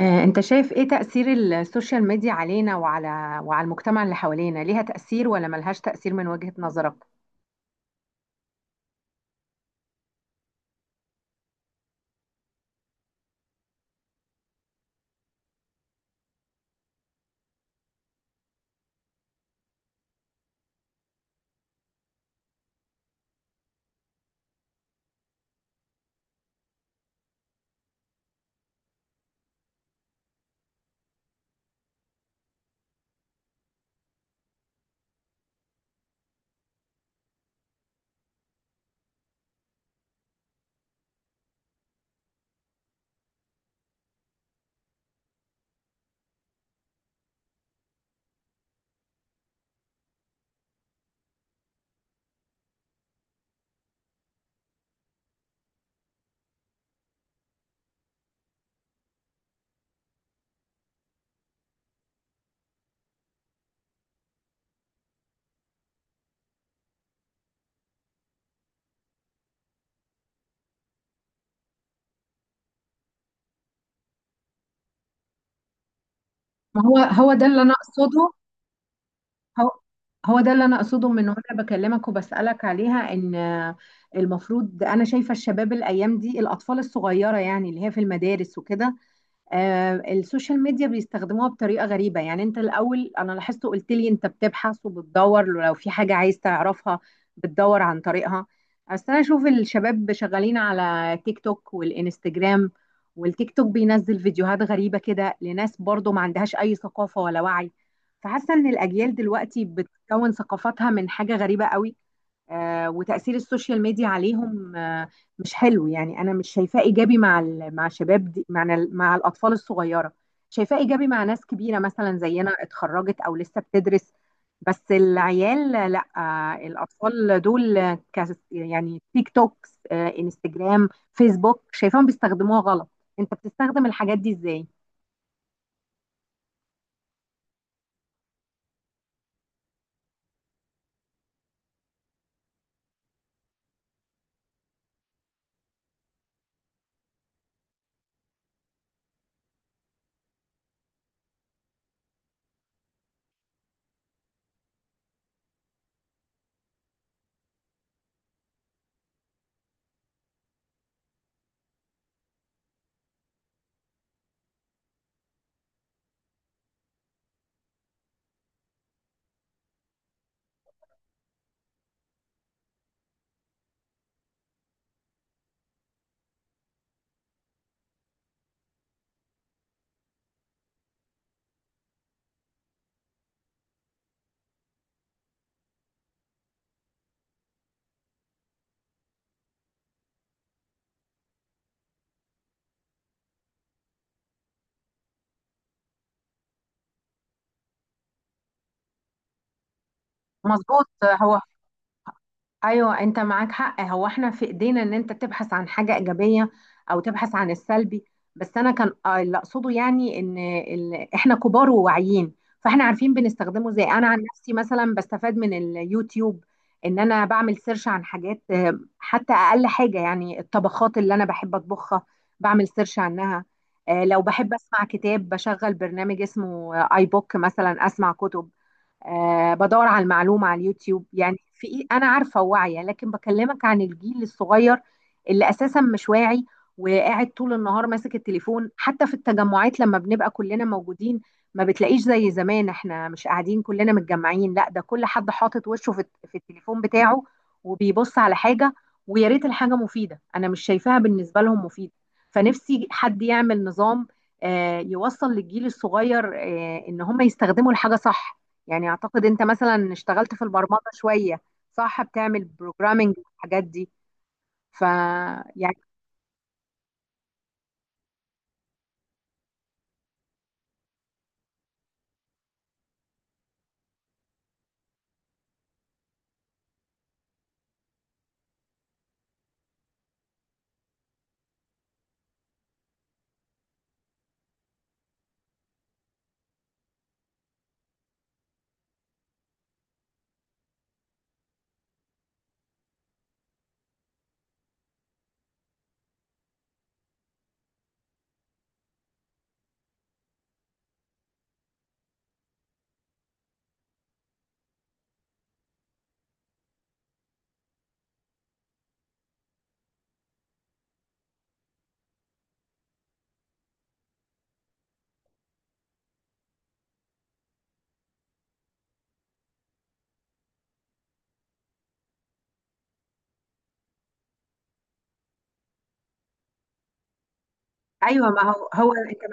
انت شايف ايه تأثير السوشيال ميديا علينا وعلى المجتمع اللي حوالينا ليها تأثير ولا ملهاش تأثير من وجهة نظرك؟ ما هو ده اللي انا اقصده. هو هو ده اللي انا اقصده من وانا بكلمك وبسالك عليها، ان آه، المفروض انا شايفه الشباب الايام دي، الاطفال الصغيره يعني اللي هي في المدارس وكده، السوشيال ميديا بيستخدموها بطريقة غريبة. يعني انت الاول انا لاحظت قلت لي انت بتبحث وبتدور لو في حاجة عايز تعرفها، بتدور عن طريقها. بس انا اشوف الشباب شغالين على تيك توك والانستجرام، والتيك توك بينزل فيديوهات غريبة كده لناس برضو ما عندهاش اي ثقافة ولا وعي، فحاسة ان الاجيال دلوقتي بتكون ثقافتها من حاجة غريبة قوي. وتأثير السوشيال ميديا عليهم مش حلو. يعني انا مش شايفاه ايجابي مع مع شباب دي، مع مع الاطفال الصغيره. شايفاه ايجابي مع ناس كبيره مثلا زينا، اتخرجت او لسه بتدرس. بس العيال لا، الاطفال دول يعني تيك توكس، انستجرام، فيسبوك، شايفاهم بيستخدموها غلط. انت بتستخدم الحاجات دي ازاي؟ مظبوط. هو ايوه، انت معاك حق. هو احنا في ايدينا ان انت تبحث عن حاجه ايجابيه او تبحث عن السلبي. بس انا كان آه، اللي اقصده يعني ان احنا كبار وواعيين، فاحنا عارفين بنستخدمه ازاي. انا عن نفسي مثلا بستفاد من اليوتيوب، ان انا بعمل سيرش عن حاجات، حتى اقل حاجه يعني الطبخات اللي انا بحب اطبخها بعمل سيرش عنها. لو بحب اسمع كتاب بشغل برنامج اسمه اي بوك مثلا اسمع كتب. بدور على المعلومة على اليوتيوب، يعني في إيه. أنا عارفة واعية، لكن بكلمك عن الجيل الصغير اللي أساسا مش واعي، وقاعد طول النهار ماسك التليفون، حتى في التجمعات لما بنبقى كلنا موجودين ما بتلاقيش زي زمان احنا مش قاعدين كلنا متجمعين، لا ده كل حد حاطط وشه في التليفون بتاعه وبيبص على حاجة. ويا ريت الحاجة مفيدة، أنا مش شايفاها بالنسبة لهم مفيدة. فنفسي حد يعمل نظام يوصل للجيل الصغير إن هم يستخدموا الحاجة صح. يعني اعتقد انت مثلا اشتغلت في البرمجة شوية، صح؟ بتعمل بروجرامنج والحاجات دي. ف يعني ايوه، ما هو هو انت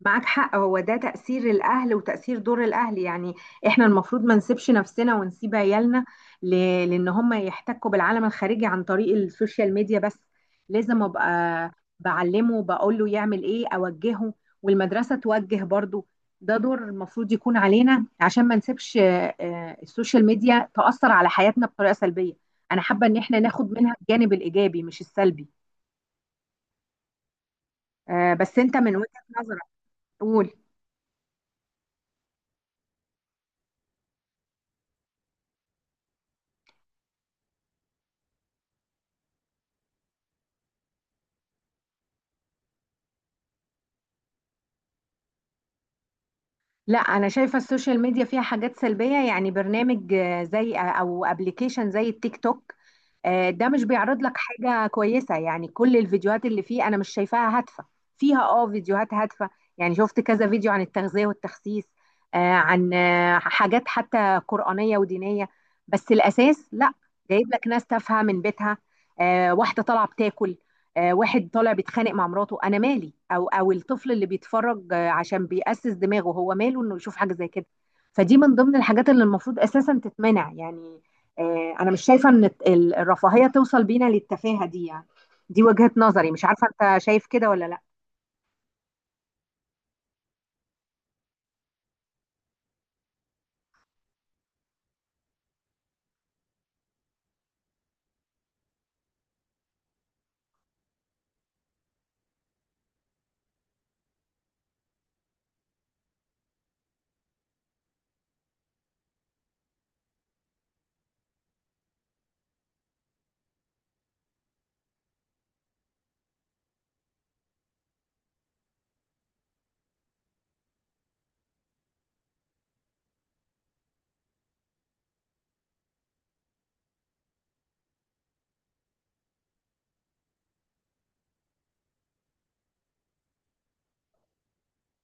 معاك حق. هو ده تأثير الأهل وتأثير دور الأهل يعني، إحنا المفروض ما نسيبش نفسنا ونسيب عيالنا ل... لأن هم يحتكوا بالعالم الخارجي عن طريق السوشيال ميديا بس. لازم أبقى بعلمه، بقول له يعمل إيه، أوجهه، والمدرسة توجه برضه. ده دور المفروض يكون علينا عشان ما نسيبش السوشيال ميديا تأثر على حياتنا بطريقة سلبية. أنا حابة إن إحنا ناخد منها الجانب الإيجابي مش السلبي. بس أنت من وجهة نظرك؟ قول. لا انا شايفه السوشيال ميديا فيها حاجات سلبيه. يعني برنامج زي او ابلكيشن زي التيك توك، ده مش بيعرض لك حاجة كويسة. يعني كل الفيديوهات اللي فيه أنا مش شايفاها هادفة. فيها اه فيديوهات هادفة، يعني شفت كذا فيديو عن التغذية والتخسيس، عن حاجات حتى قرآنية ودينية، بس الأساس لا. جايب لك ناس تافهة من بيتها، واحدة طالعة بتاكل، واحد طالع بيتخانق مع مراته، أنا مالي؟ أو الطفل اللي بيتفرج عشان بيأسس دماغه، هو ماله إنه يشوف حاجة زي كده؟ فدي من ضمن الحاجات اللي المفروض أساسا تتمنع يعني. انا مش شايفه ان الرفاهيه توصل بينا للتفاهه دي يعني. دي وجهه نظري، مش عارفه انت شايف كده ولا لا.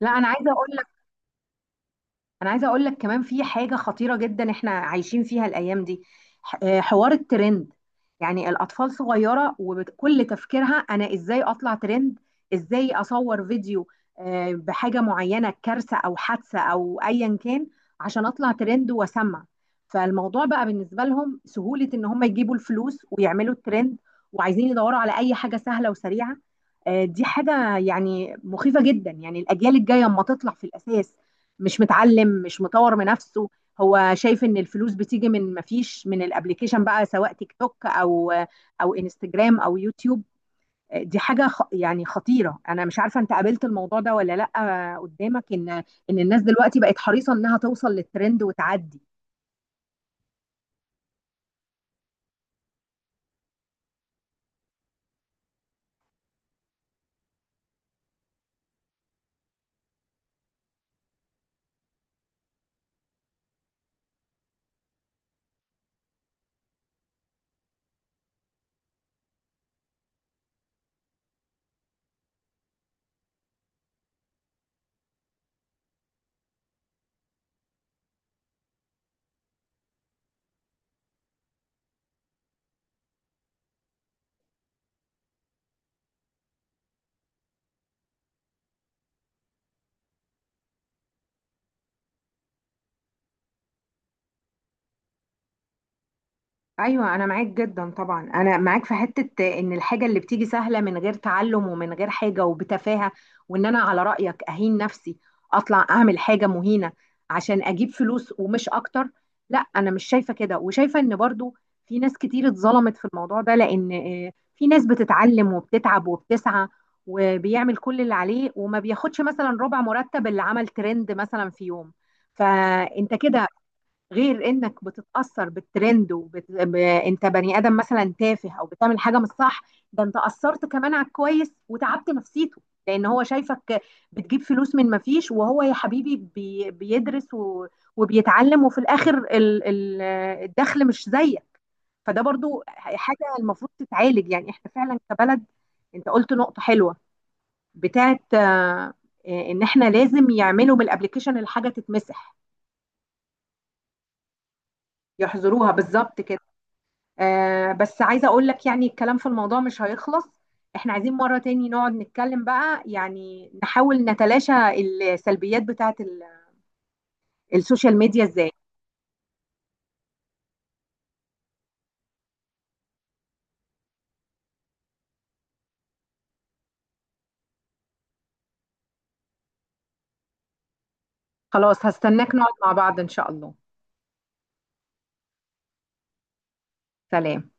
لا انا عايزه اقول، انا عايزه اقول لك كمان في حاجه خطيره جدا احنا عايشين فيها الايام دي. حوار الترند، يعني الاطفال صغيره وكل تفكيرها انا ازاي اطلع ترند، ازاي اصور فيديو بحاجه معينه، كارثه او حادثه او ايا كان، عشان اطلع ترند واسمع. فالموضوع بقى بالنسبه لهم سهوله، ان هم يجيبوا الفلوس ويعملوا الترند، وعايزين يدوروا على اي حاجه سهله وسريعه. دي حاجه يعني مخيفه جدا. يعني الاجيال الجايه اما تطلع في الاساس مش متعلم، مش مطور من نفسه، هو شايف ان الفلوس بتيجي من مفيش، من الابليكيشن بقى سواء تيك توك او او انستجرام او يوتيوب. دي حاجه يعني خطيره. انا مش عارفه انت قابلت الموضوع ده ولا لا، قدامك ان الناس دلوقتي بقت حريصه انها توصل للترند وتعدي؟ ايوه، انا معاك جدا طبعا. انا معاك في حته ان الحاجه اللي بتيجي سهله من غير تعلم ومن غير حاجه وبتفاهه، وان انا على رايك اهين نفسي، اطلع اعمل حاجه مهينه عشان اجيب فلوس ومش اكتر. لا، انا مش شايفه كده، وشايفه ان برضو في ناس كتير اتظلمت في الموضوع ده. لان في ناس بتتعلم وبتتعب وبتسعى وبيعمل كل اللي عليه، وما بياخدش مثلا ربع مرتب اللي عمل ترند مثلا في يوم. فانت كده، غير انك بتتاثر بالترند انت بني ادم مثلا تافه او بتعمل حاجه مش صح، ده انت اثرت كمان على الكويس وتعبت نفسيته، لان هو شايفك بتجيب فلوس من ما فيش، وهو يا حبيبي بيدرس وبيتعلم، وفي الاخر الدخل مش زيك. فده برضو حاجه المفروض تتعالج، يعني احنا فعلا كبلد. انت قلت نقطه حلوه بتاعت ان احنا لازم يعملوا من الابلكيشن الحاجه تتمسح، يحظروها بالظبط كده. بس عايزة اقول لك يعني الكلام في الموضوع مش هيخلص. احنا عايزين مرة تاني نقعد نتكلم بقى، يعني نحاول نتلاشى السلبيات بتاعت السوشيال ميديا ازاي. خلاص، هستناك نقعد مع بعض ان شاء الله. سلام.